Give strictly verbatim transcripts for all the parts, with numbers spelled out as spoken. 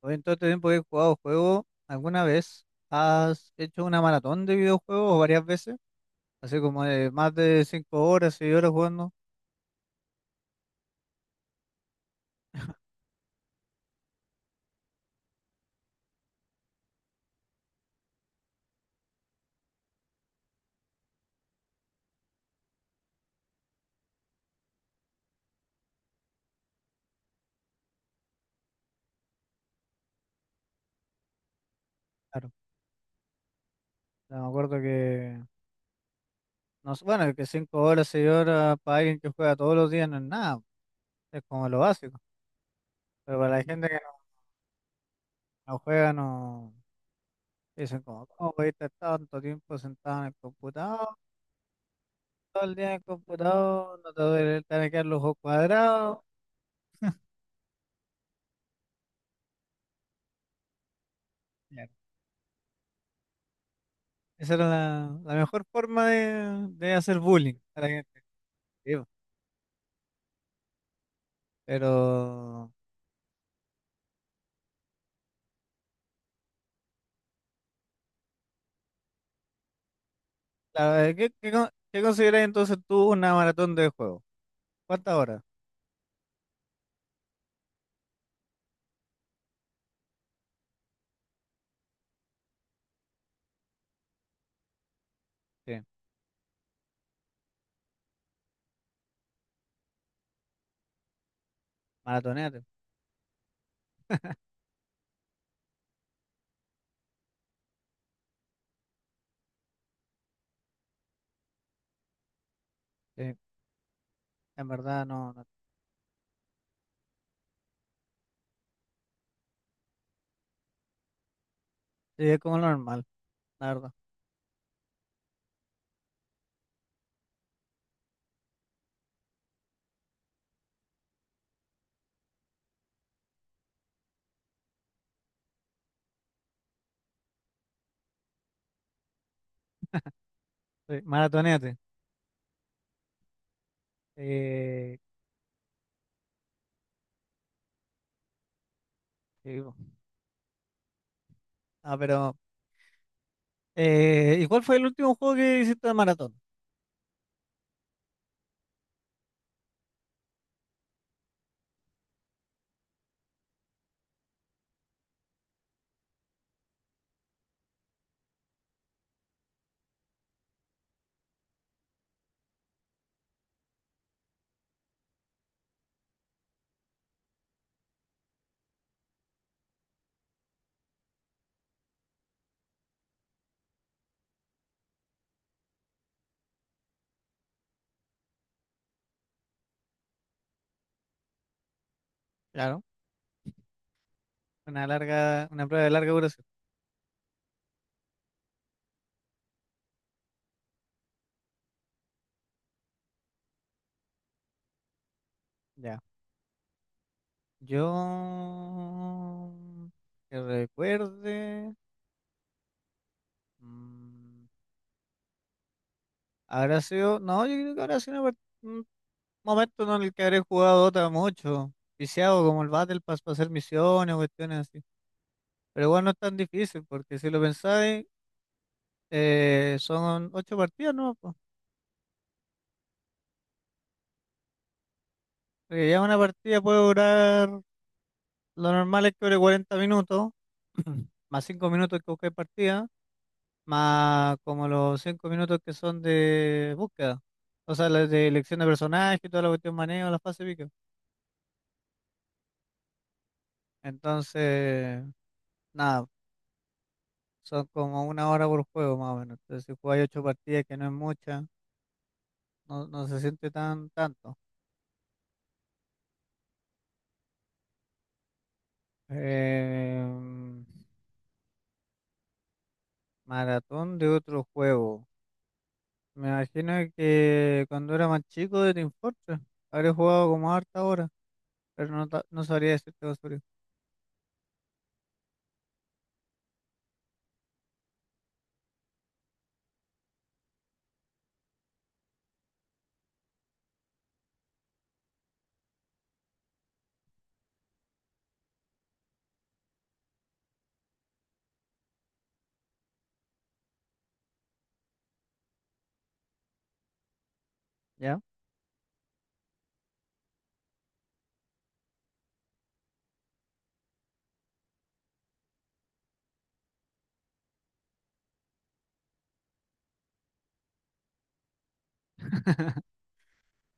Oye, en todo este tiempo que he jugado juegos, ¿alguna vez has hecho una maratón de videojuegos o varias veces? Así como de más de cinco horas, seis horas jugando. Claro, ya me acuerdo que, no, sé, bueno, que cinco horas, seis horas para alguien que juega todos los días no es nada, es como lo básico. Pero para la gente que no, no juega, no dicen como, ¿cómo puedes estar tanto tiempo sentado en el computador? Todo el día en el computador, no te duele, te van a quedar los ojos cuadrados. Esa era la, la mejor forma de, de hacer bullying a la gente. Sí, po. Pero, claro, eh, ¿qué, qué, con- qué consideras entonces tú una maratón de juego? ¿Cuántas horas? Sí, maratoneate. Sí, en verdad no, no. Sí, es como lo normal, la verdad. Sí, maratoneate. Eh, sí, po. Ah, pero, eh, ¿y cuál fue el último juego que hiciste de maratón? Claro, una larga, una prueba de larga duración. Ya. Yo, que recuerde. mm, Habrá sido, no, yo creo que habrá sido una par- un momento, ¿no?, en el que habré jugado Dota mucho, viciado como el Battle Pass para hacer misiones o cuestiones así. Pero igual no es tan difícil, porque si lo pensáis, eh, son ocho partidas, ¿no?, po. Porque ya una partida puede durar, lo normal es que dure cuarenta minutos, más cinco minutos que buscáis partida, más como los cinco minutos que son de búsqueda. O sea, las de elección de personaje y toda la cuestión manejo, la fase pico. Entonces, nada. Son como una hora por juego más o menos. Entonces, si jugáis ocho partidas, que no es mucha, no, no se siente tan tanto. Em, maratón de otro juego. Me imagino que cuando era más chico de Team Fortress, habré jugado como harta hora, pero no, ta- no sabría decirte con seguridad. ¿Ya?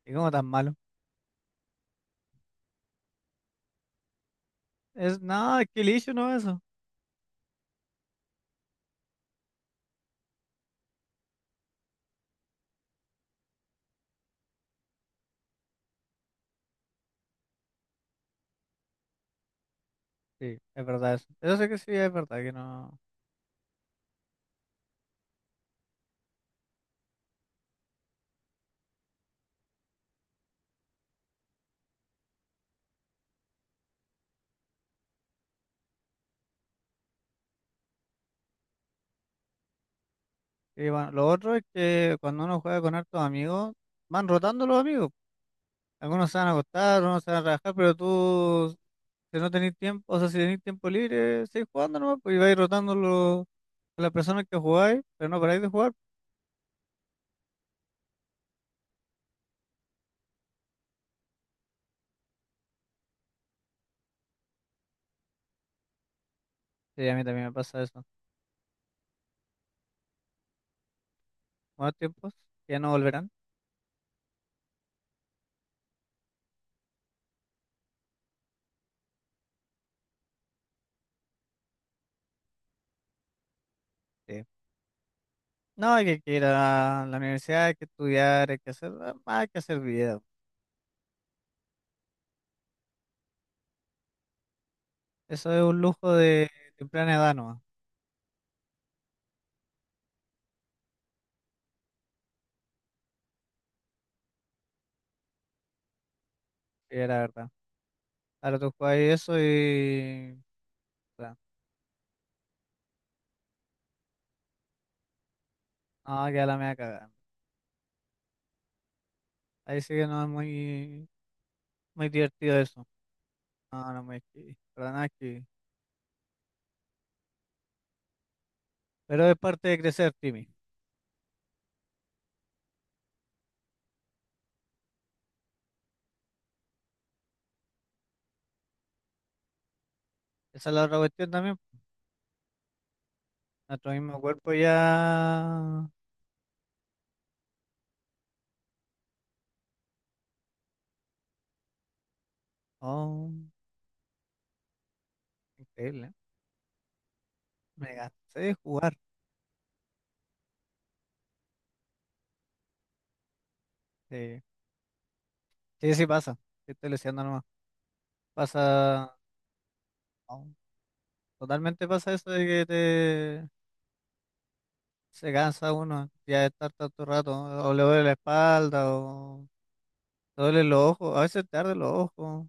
¿Y cómo tan malo? Es nada, es que el issue no es eso. Sí, es verdad eso. Eso sé que sí, es verdad que no. Y bueno, lo otro es que cuando uno juega con hartos amigos, van rotando los amigos. Algunos se van a acostar, algunos se van a trabajar, pero tú, si no tenés tiempo, o sea, si tenés tiempo libre, seguís jugando nomás, pues, y vais rotando lo- a las personas que jugáis, pero no paráis de jugar. Sí, a mí también me pasa eso. Buenos tiempos, que ya no volverán. Sí. No, hay que, hay que ir a la universidad, hay que estudiar, hay que hacer, ah, hay que hacer vida. Eso es un lujo de temprana edad nomás, que era verdad. Ahora tú jugáis eso y puta, no, queda la media cagada. Ahí sí que no es muy, muy divertido eso. No, no es muy. Para nada. Pero es parte de crecer, Timmy. Esa es la otra cuestión también. Nuestro mismo cuerpo ya. Oh, increíble, ¿eh? Me gasté de jugar. Sí, sí, sí pasa. Sí, estoy leseando nomás. Pasa. Oh, totalmente pasa eso de que te. Se cansa uno ya de estar tanto rato, ¿no? O le duele la espalda, o le duele los ojos. A veces te arden los ojos.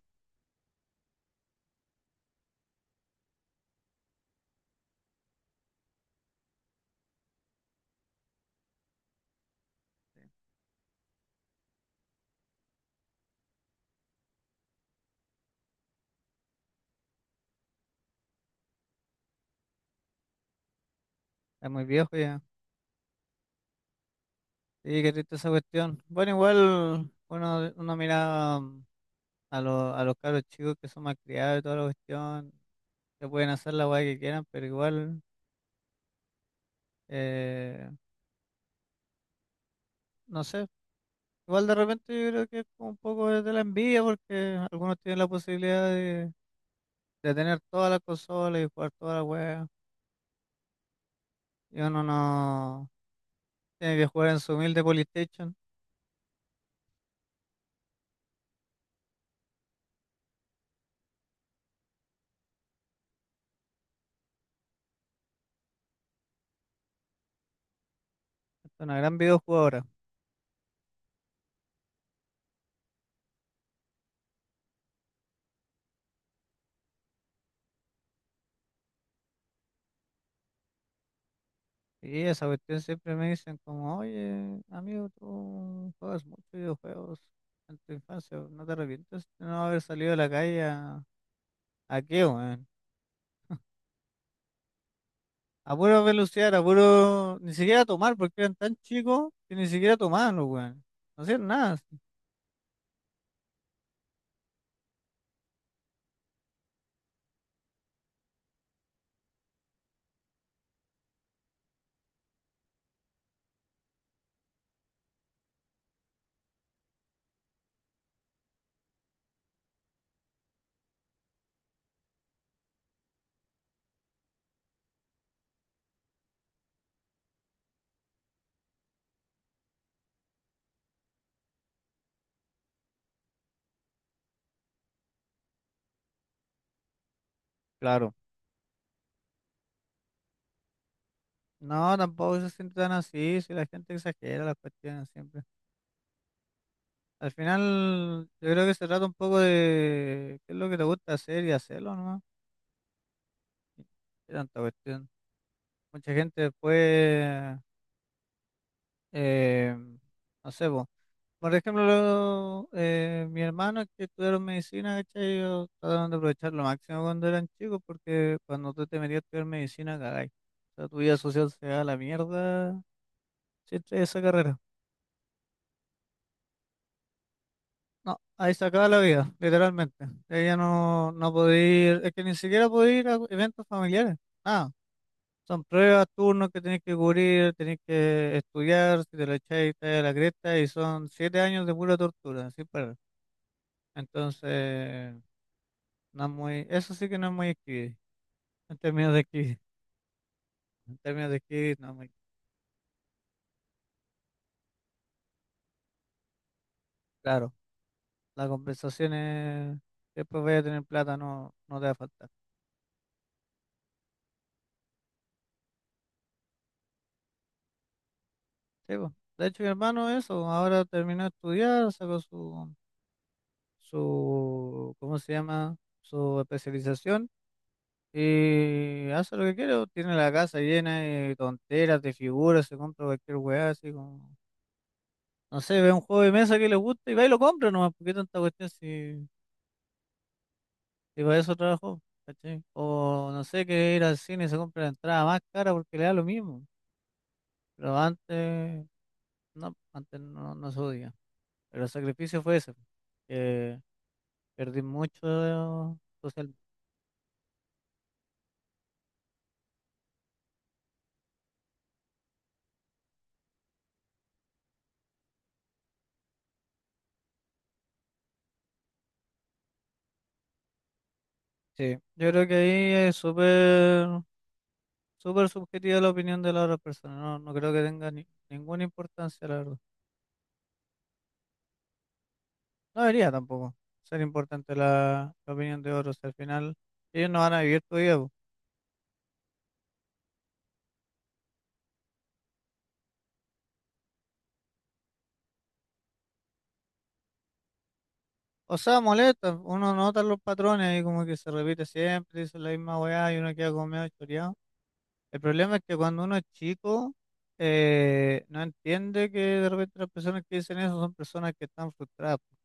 Es muy viejo ya. Sí, qué triste esa cuestión. Bueno, igual uno, uno mira a los, a los cabros chicos que son malcriados y toda la cuestión, que pueden hacer la weá que quieran, pero igual, eh, no sé, igual de repente yo creo que es como un poco de la envidia porque algunos tienen la posibilidad de, de tener todas las consolas y jugar toda la weá, y uno no tiene que jugar en su humilde Polystation, es una gran videojugadora. Y esa cuestión siempre me dicen como, oye, amigo, tú juegas muchos videojuegos en tu infancia, ¿no te arrepientes de no haber salido a la calle a? ¿A qué, weón? A puro velocidad, a puro. Ni siquiera tomar, porque eran tan chicos que ni siquiera tomaban los weones. No hacían nada así. Claro. No, tampoco se siente tan así, si la gente exagera las cuestiones siempre. Al final, yo creo que se trata un poco de qué es lo que te gusta hacer y hacerlo, ¿no? Qué tanta cuestión. Mucha gente después, eh, no sé, po, por ejemplo, eh, mi hermano que estudiaron medicina, ¿cachai? Ellos trataron de aprovechar lo máximo cuando eran chicos, porque cuando tú te metías a estudiar medicina, cagáis. O sea, tu vida social se da a la mierda si estudias esa carrera. No, ahí se acaba la vida, literalmente. Ella no, no podía ir, es que ni siquiera podía ir a eventos familiares. ah son pruebas, turnos que tenés que cubrir, tenés que estudiar, si te lo echáis, te da la cresta, y son siete años de pura tortura, sin parar. Entonces. No es muy, eso sí que no es muy escribir. En términos de escribir, en términos de escribir, no es muy claro. La compensación es, después voy a tener plata, no, no te va a faltar. Sí, po. De hecho, mi hermano, eso, ahora terminó de estudiar, sacó su, su, ¿cómo se llama? Su especialización y hace lo que quiere, po. Tiene la casa llena de tonteras, de figuras, se compra cualquier weá, así como, no sé, ve un juego de mesa que le gusta y va y lo compra nomás, porque tanta cuestión si. Y para eso trabajó, ¿cachai? O no sé, que ir al cine y se compra la entrada más cara porque le da lo mismo. Pero antes, no, antes no, no se podía. Pero el sacrificio fue ese, que perdí mucho social. Sí, yo creo que ahí es súper, súper subjetiva la opinión de la otra persona. No, no creo que tenga ni- ninguna importancia, la verdad. No debería tampoco ser importante la, la opinión de otros, si al final, ellos no van a vivir tu vida, po. O sea, molesta, uno nota los patrones ahí como que se repite siempre, dice la misma weá y uno queda como medio choreado. El problema es que cuando uno es chico, eh, no entiende que de repente las personas que dicen eso son personas que están frustradas, po,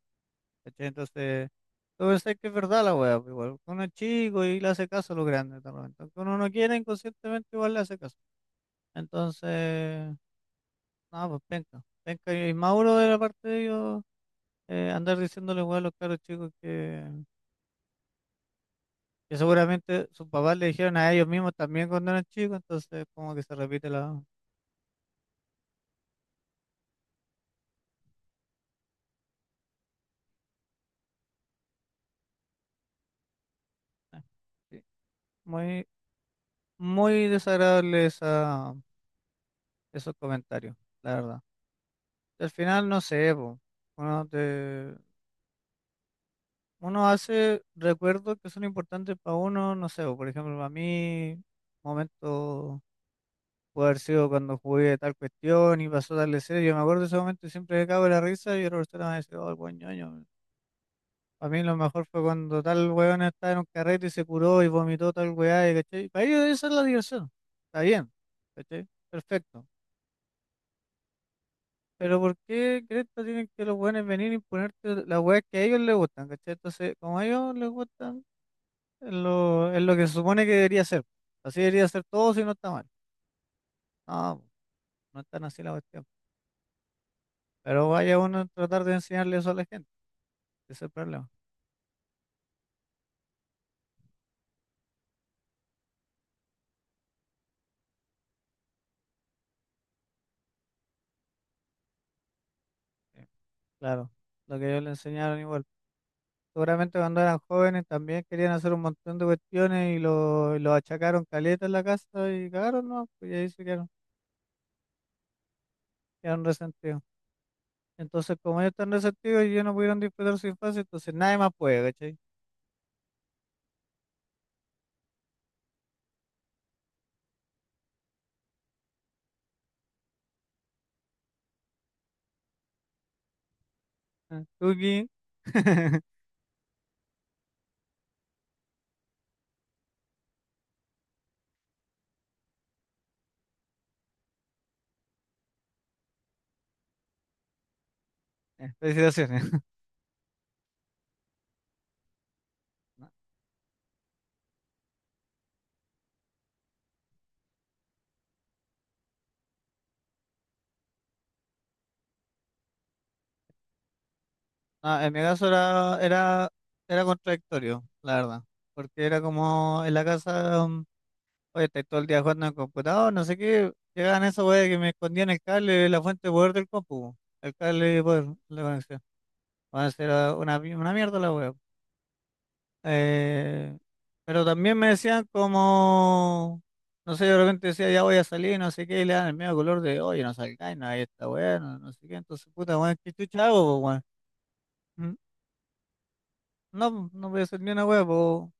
¿cachai? Entonces, tú pensás que es verdad la weá, po, igual, uno es chico y le hace caso a los grandes, de repente. Aunque uno no quiera, inconscientemente igual le hace caso. Entonces, no, pues penca, penca y Mauro de la parte de ellos, eh, andar diciéndole weá a los caros chicos que Que seguramente sus papás le dijeron a ellos mismos también cuando eran chicos, entonces como que se repite la. Eh, sí. Muy, muy desagradable esa, esos comentarios, la verdad. Y al final, no sé, po, uno, te- uno hace recuerdos que son importantes para uno, no sé, po, por ejemplo, para mí, momento puede haber sido cuando jugué tal cuestión y pasó tal escena, yo me acuerdo de ese momento y siempre me cago en la risa y otra persona me dice, oh, el buen ñoño. Para mí lo mejor fue cuando tal weón estaba en un carrete y se curó y vomitó tal weá, y ¿cachai? Para ellos esa es la diversión. Está bien, ¿cachai? Perfecto. Pero ¿por qué cresta tienen que los weones venir y ponerte las weas que a ellos les gustan, ¿cachai? Entonces, como a ellos les gustan, es lo, es lo que se supone que debería ser. Así debería ser todo, si no está mal. No, no es tan así la cuestión. Pero vaya uno a tratar de enseñarle eso a la gente. Ese es el problema. Sí, claro, lo que ellos le enseñaron igual. Seguramente cuando eran jóvenes también querían hacer un montón de cuestiones y lo, y lo achacaron caleta en la casa y cagaron, ¿no? Pues y ahí se quedaron, quedaron resentidos. Entonces, como ellos están resentidos y ellos no pudieron disfrutar su infancia, entonces nadie más puede, ¿cachai? Ah, Tuki. Eh, Felicitaciones. No, no, en mi caso era, era, era contradictorio, la verdad. Porque era como en la casa. mm, Oye, estáis todo el día jugando en el computador, no sé qué. Llegaban esos weas que me escondían el cable, la fuente de poder del compu, el cable de poder, la conexión. Van a ser ah, una, pi- una mierda la wea. Eh, pero también me decían como, no sé, de repente decía, ya voy a salir, no sé qué, y le dan el medio color de, oye, no salgáis, no, ahí está wea, no, no sé qué. Entonces, puta, weón, ¿qué chucha hago, po, weón? Mm. No, no voy a hacer ni una wea, po.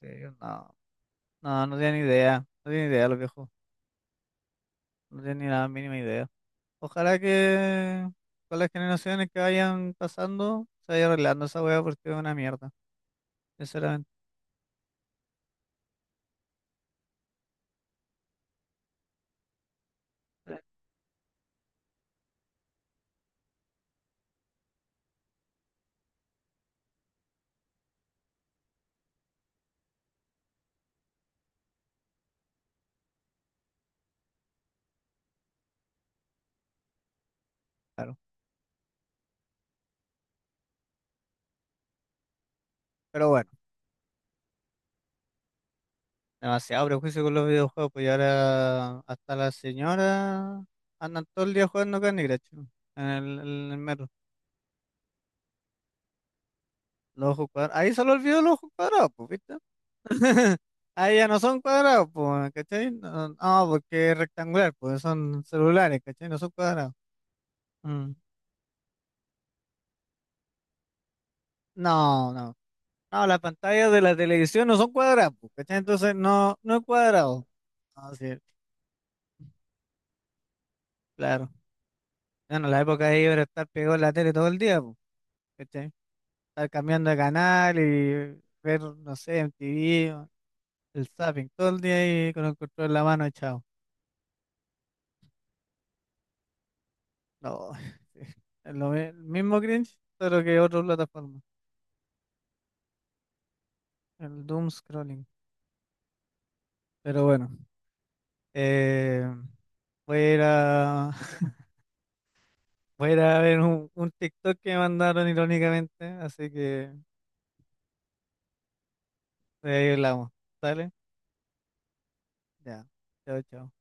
Sí, no, no, no tenía idea, no tenía idea los viejos, no tenía ni la mínima idea. Ojalá que con las generaciones que vayan pasando se vaya arreglando esa weá porque es una mierda, sinceramente. Claro. Pero bueno, demasiado prejuicio con los videojuegos, pues, y ahora hasta las señoras andan todo el día jugando Candy Crush, ¿no?, en el, en el metro. Los ojos cuadrados. Ahí se le olvidó los ojos cuadrados, pues, ¿viste? Ahí ya no son cuadrados, pues, ¿cachai? No, no, porque es rectangular, pues son celulares, ¿cachai? No son cuadrados. Mm. No, no. No, las pantallas de la televisión no son cuadradas, pues, ¿cachai? Entonces no, no es cuadrado. Ah, sí, claro. Bueno, la época de ellos era estar pegado en la tele todo el día, pues, ¿cachai? Estar cambiando de canal y ver, no sé, M T V, o el zapping, todo el día ahí con el control en la mano echado. No, sí. Es lo mi- mismo cringe, pero que otra plataforma. El doom scrolling. Pero bueno, eh, voy a ir a, voy a ir a ver un, un TikTok que me mandaron irónicamente, así que. Ahí hablamos. ¿Sale? Ya. Chao, chao.